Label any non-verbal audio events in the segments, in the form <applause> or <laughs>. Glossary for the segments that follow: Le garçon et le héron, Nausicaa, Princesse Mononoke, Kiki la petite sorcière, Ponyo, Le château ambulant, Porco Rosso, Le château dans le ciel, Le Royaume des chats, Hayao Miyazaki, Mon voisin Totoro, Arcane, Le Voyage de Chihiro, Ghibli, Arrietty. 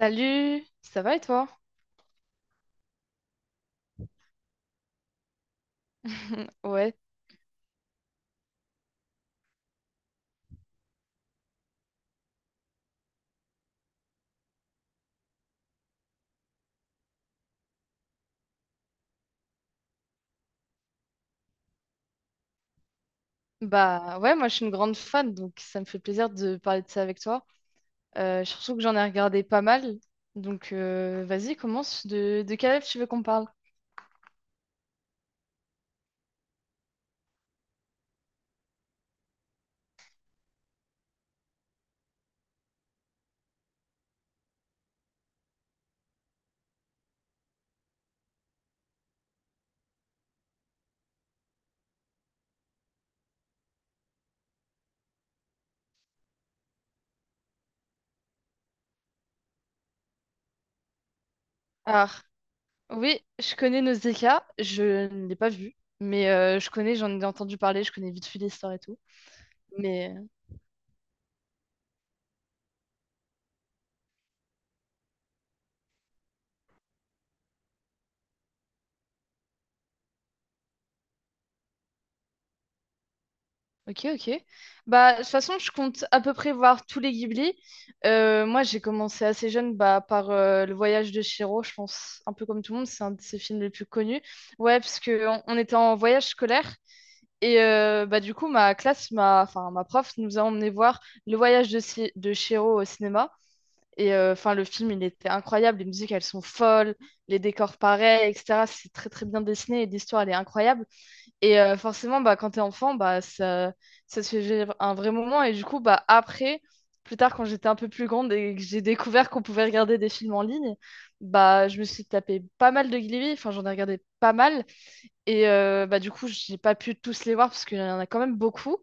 Salut, ça va et toi? <laughs> Ouais, bah ouais, moi je suis une grande fan, donc ça me fait plaisir de parler de ça avec toi. Surtout que j'en ai regardé pas mal, donc vas-y, commence. De quel rêve tu veux qu'on parle? Alors, oui, je connais Nausicaa, je ne l'ai pas vu, mais je connais, j'en ai entendu parler, je connais vite fait l'histoire et tout. mais Ok, ok. Bah, de toute façon, je compte à peu près voir tous les Ghibli. Moi, j'ai commencé assez jeune bah, par Le Voyage de Chihiro, je pense, un peu comme tout le monde, c'est un de ses films les plus connus. Ouais, parce que on était en voyage scolaire et bah, du coup, ma classe, ma, enfin, ma prof nous a emmené voir Le Voyage de, de Chihiro au cinéma. Et enfin, le film, il était incroyable. Les musiques, elles sont folles, les décors pareils, etc. C'est très, très bien dessiné et l'histoire, elle est incroyable. Et forcément, bah, quand t'es enfant, bah, ça se fait vivre un vrai moment. Et du coup, bah, après, plus tard, quand j'étais un peu plus grande et que j'ai découvert qu'on pouvait regarder des films en ligne, bah, je me suis tapé pas mal de Glee. Enfin, j'en ai regardé pas mal. Et bah, du coup, j'ai pas pu tous les voir parce qu'il y en a quand même beaucoup.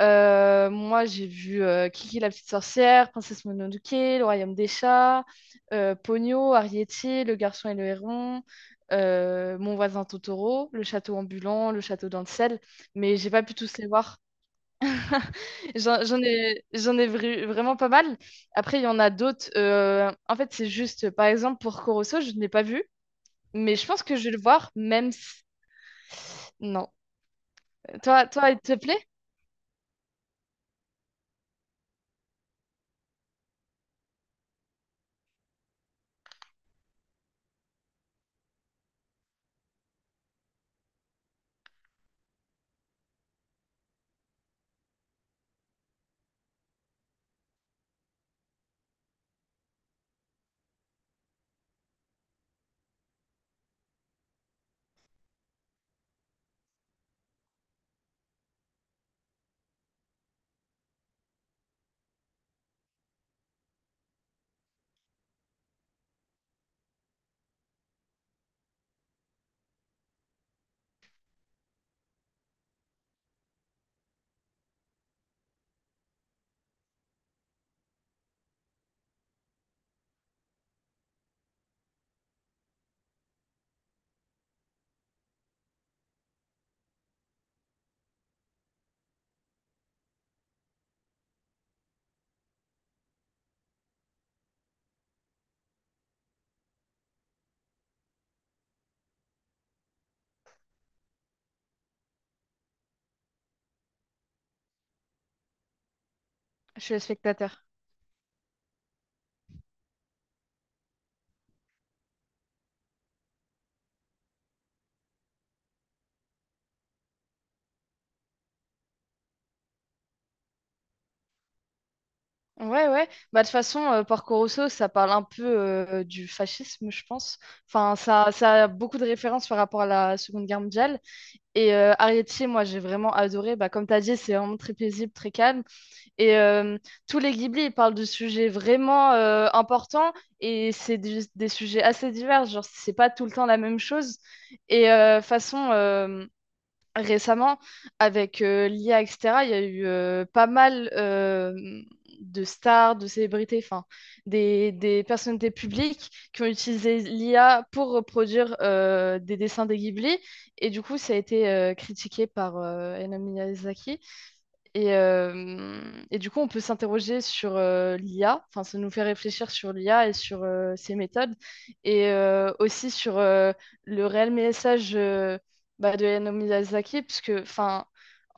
Moi, j'ai vu Kiki la petite sorcière, Princesse Mononoke, Le Royaume des chats, Ponyo, Arrietty, Le garçon et le héron, Mon voisin Totoro, Le château ambulant, Le château dans le ciel, mais j'ai pas pu tous les voir. <laughs> J'en ai vraiment pas mal. Après, il y en a d'autres. En fait, c'est juste, par exemple, pour Corosso, je ne l'ai pas vu, mais je pense que je vais le voir, même si... Non. Toi, toi, il te plaît? Je suis le spectateur. Ouais, ouais. Bah, de toute façon, Porco Rosso, ça parle un peu du fascisme, je pense. Enfin, ça a beaucoup de références par rapport à la Seconde Guerre mondiale. Et Arrietty, moi, j'ai vraiment adoré. Bah, comme tu as dit, c'est vraiment très paisible, très calme. Et tous les Ghibli, ils parlent de sujets vraiment importants. Et c'est des sujets assez divers. Genre, c'est pas tout le temps la même chose. Et façon. Récemment, avec l'IA, etc., il y a eu pas mal de stars, de célébrités, enfin, des personnalités publiques qui ont utilisé l'IA pour reproduire des dessins des Ghibli. Et du coup, ça a été critiqué par Hayao Miyazaki. Et, euh, et du coup, on peut s'interroger sur l'IA, enfin, ça nous fait réfléchir sur l'IA et sur ses méthodes, et aussi sur le réel message bah, de Hayao Miyazaki, parce que enfin,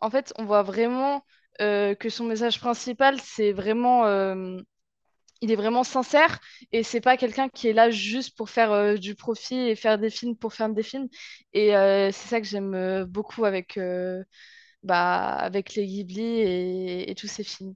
en fait, on voit vraiment que son message principal, c'est vraiment, il est vraiment sincère, et c'est pas quelqu'un qui est là juste pour faire du profit et faire des films pour faire des films, et c'est ça que j'aime beaucoup avec, bah, avec les Ghibli et tous ces films.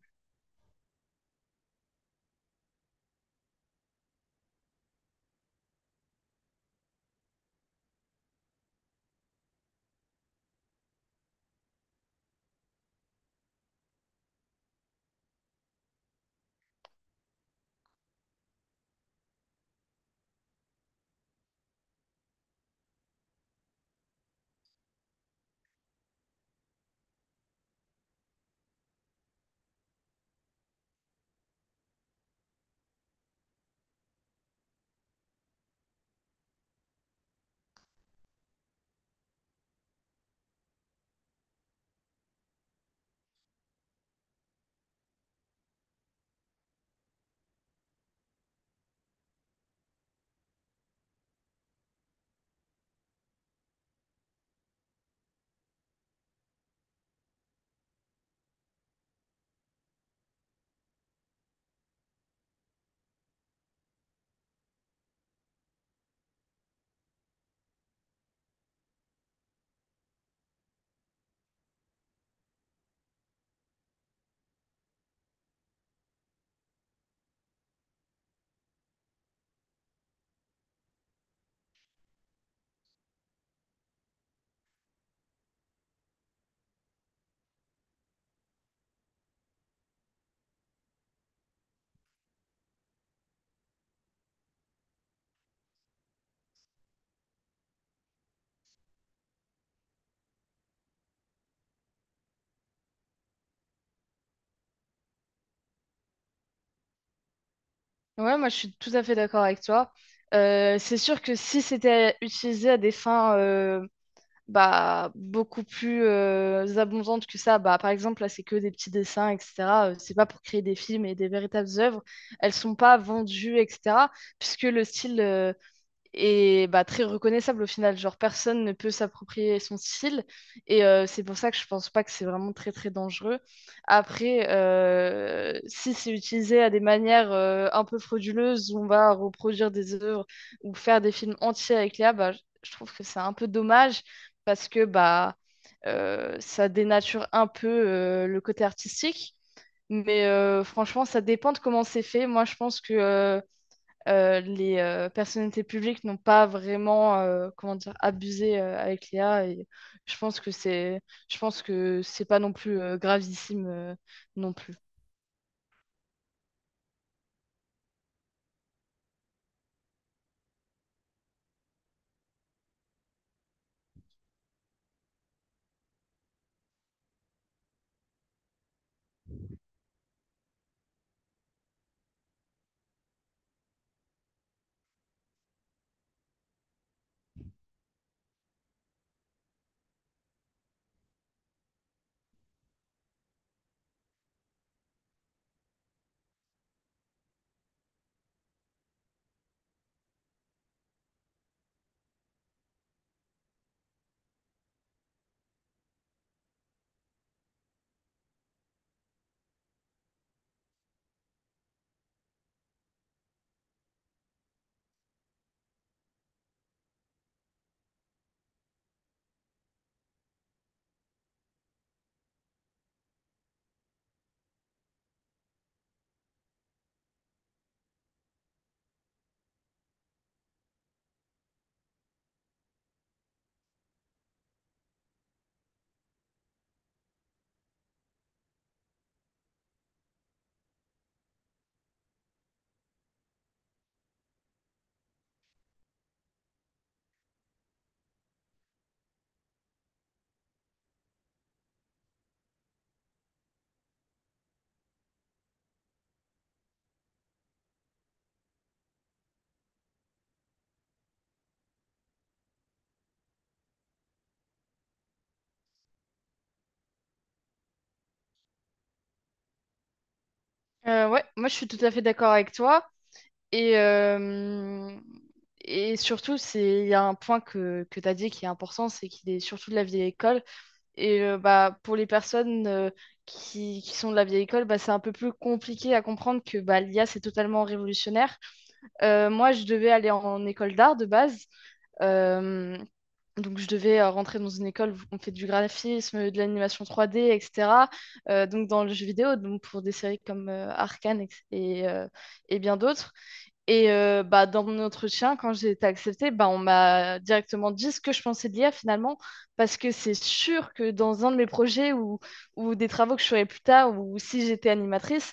Ouais, moi je suis tout à fait d'accord avec toi. C'est sûr que si c'était utilisé à des fins bah, beaucoup plus abondantes que ça, bah, par exemple, là c'est que des petits dessins, etc. C'est pas pour créer des films et des véritables œuvres. Elles sont pas vendues, etc. Puisque le style. Et bah, très reconnaissable au final. Genre, personne ne peut s'approprier son style. Et c'est pour ça que je pense pas que c'est vraiment très, très dangereux. Après, si c'est utilisé à des manières un peu frauduleuses, où on va reproduire des œuvres ou faire des films entiers avec l'IA, bah, je trouve que c'est un peu dommage parce que bah, ça dénature un peu le côté artistique. Mais franchement, ça dépend de comment c'est fait. Moi, je pense que les personnalités publiques n'ont pas vraiment comment dire, abusé avec l'IA. Et je pense que c'est, je pense que c'est pas non plus gravissime non plus. Ouais, moi je suis tout à fait d'accord avec toi. Et, euh, et surtout, c'est, il y a un point que tu as dit qui est important, c'est qu'il est surtout de la vieille école. Et bah, pour les personnes qui sont de la vieille école, bah, c'est un peu plus compliqué à comprendre que bah, l'IA, c'est totalement révolutionnaire. Moi, je devais aller en école d'art de base. Euh, donc, je devais rentrer dans une école où on fait du graphisme, de l'animation 3D, etc. Donc, dans le jeu vidéo, donc pour des séries comme Arcane et et bien d'autres. Et bah, dans mon entretien, quand j'ai été acceptée, bah, on m'a directement dit ce que je pensais de l'IA finalement, parce que c'est sûr que dans un de mes projets ou des travaux que je ferais plus tard, ou si j'étais animatrice,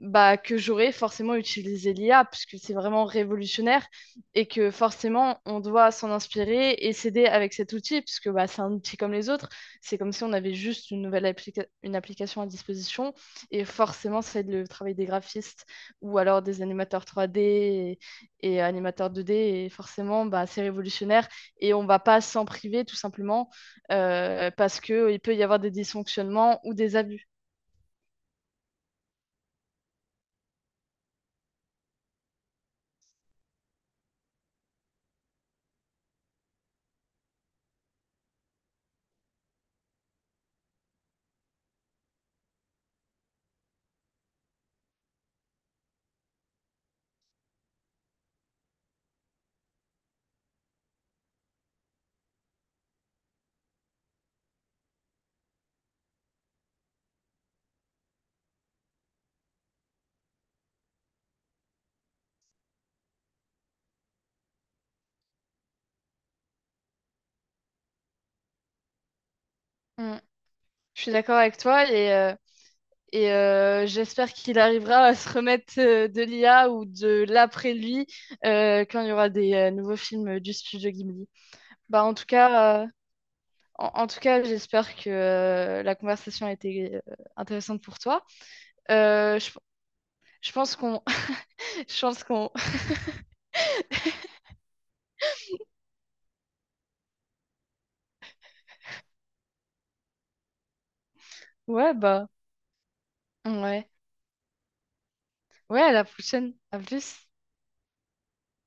bah, que j'aurais forcément utilisé l'IA, puisque c'est vraiment révolutionnaire et que forcément on doit s'en inspirer et s'aider avec cet outil, puisque bah, c'est un outil comme les autres. C'est comme si on avait juste une application à disposition et forcément ça aide le travail des graphistes ou alors des animateurs 3D et animateurs 2D. Et forcément, bah, c'est révolutionnaire et on ne va pas s'en priver tout simplement parce qu'il peut y avoir des dysfonctionnements ou des abus. Mm. Je suis d'accord avec toi et et j'espère qu'il arrivera à se remettre de l'IA ou de l'après lui quand il y aura des nouveaux films du studio Ghibli. Bah, en tout cas, en tout cas, j'espère que la conversation a été intéressante pour toi. Euh, je, je pense qu'on <laughs> Je pense qu'on... Ouais, bah... Ouais. Ouais, à la prochaine. À plus.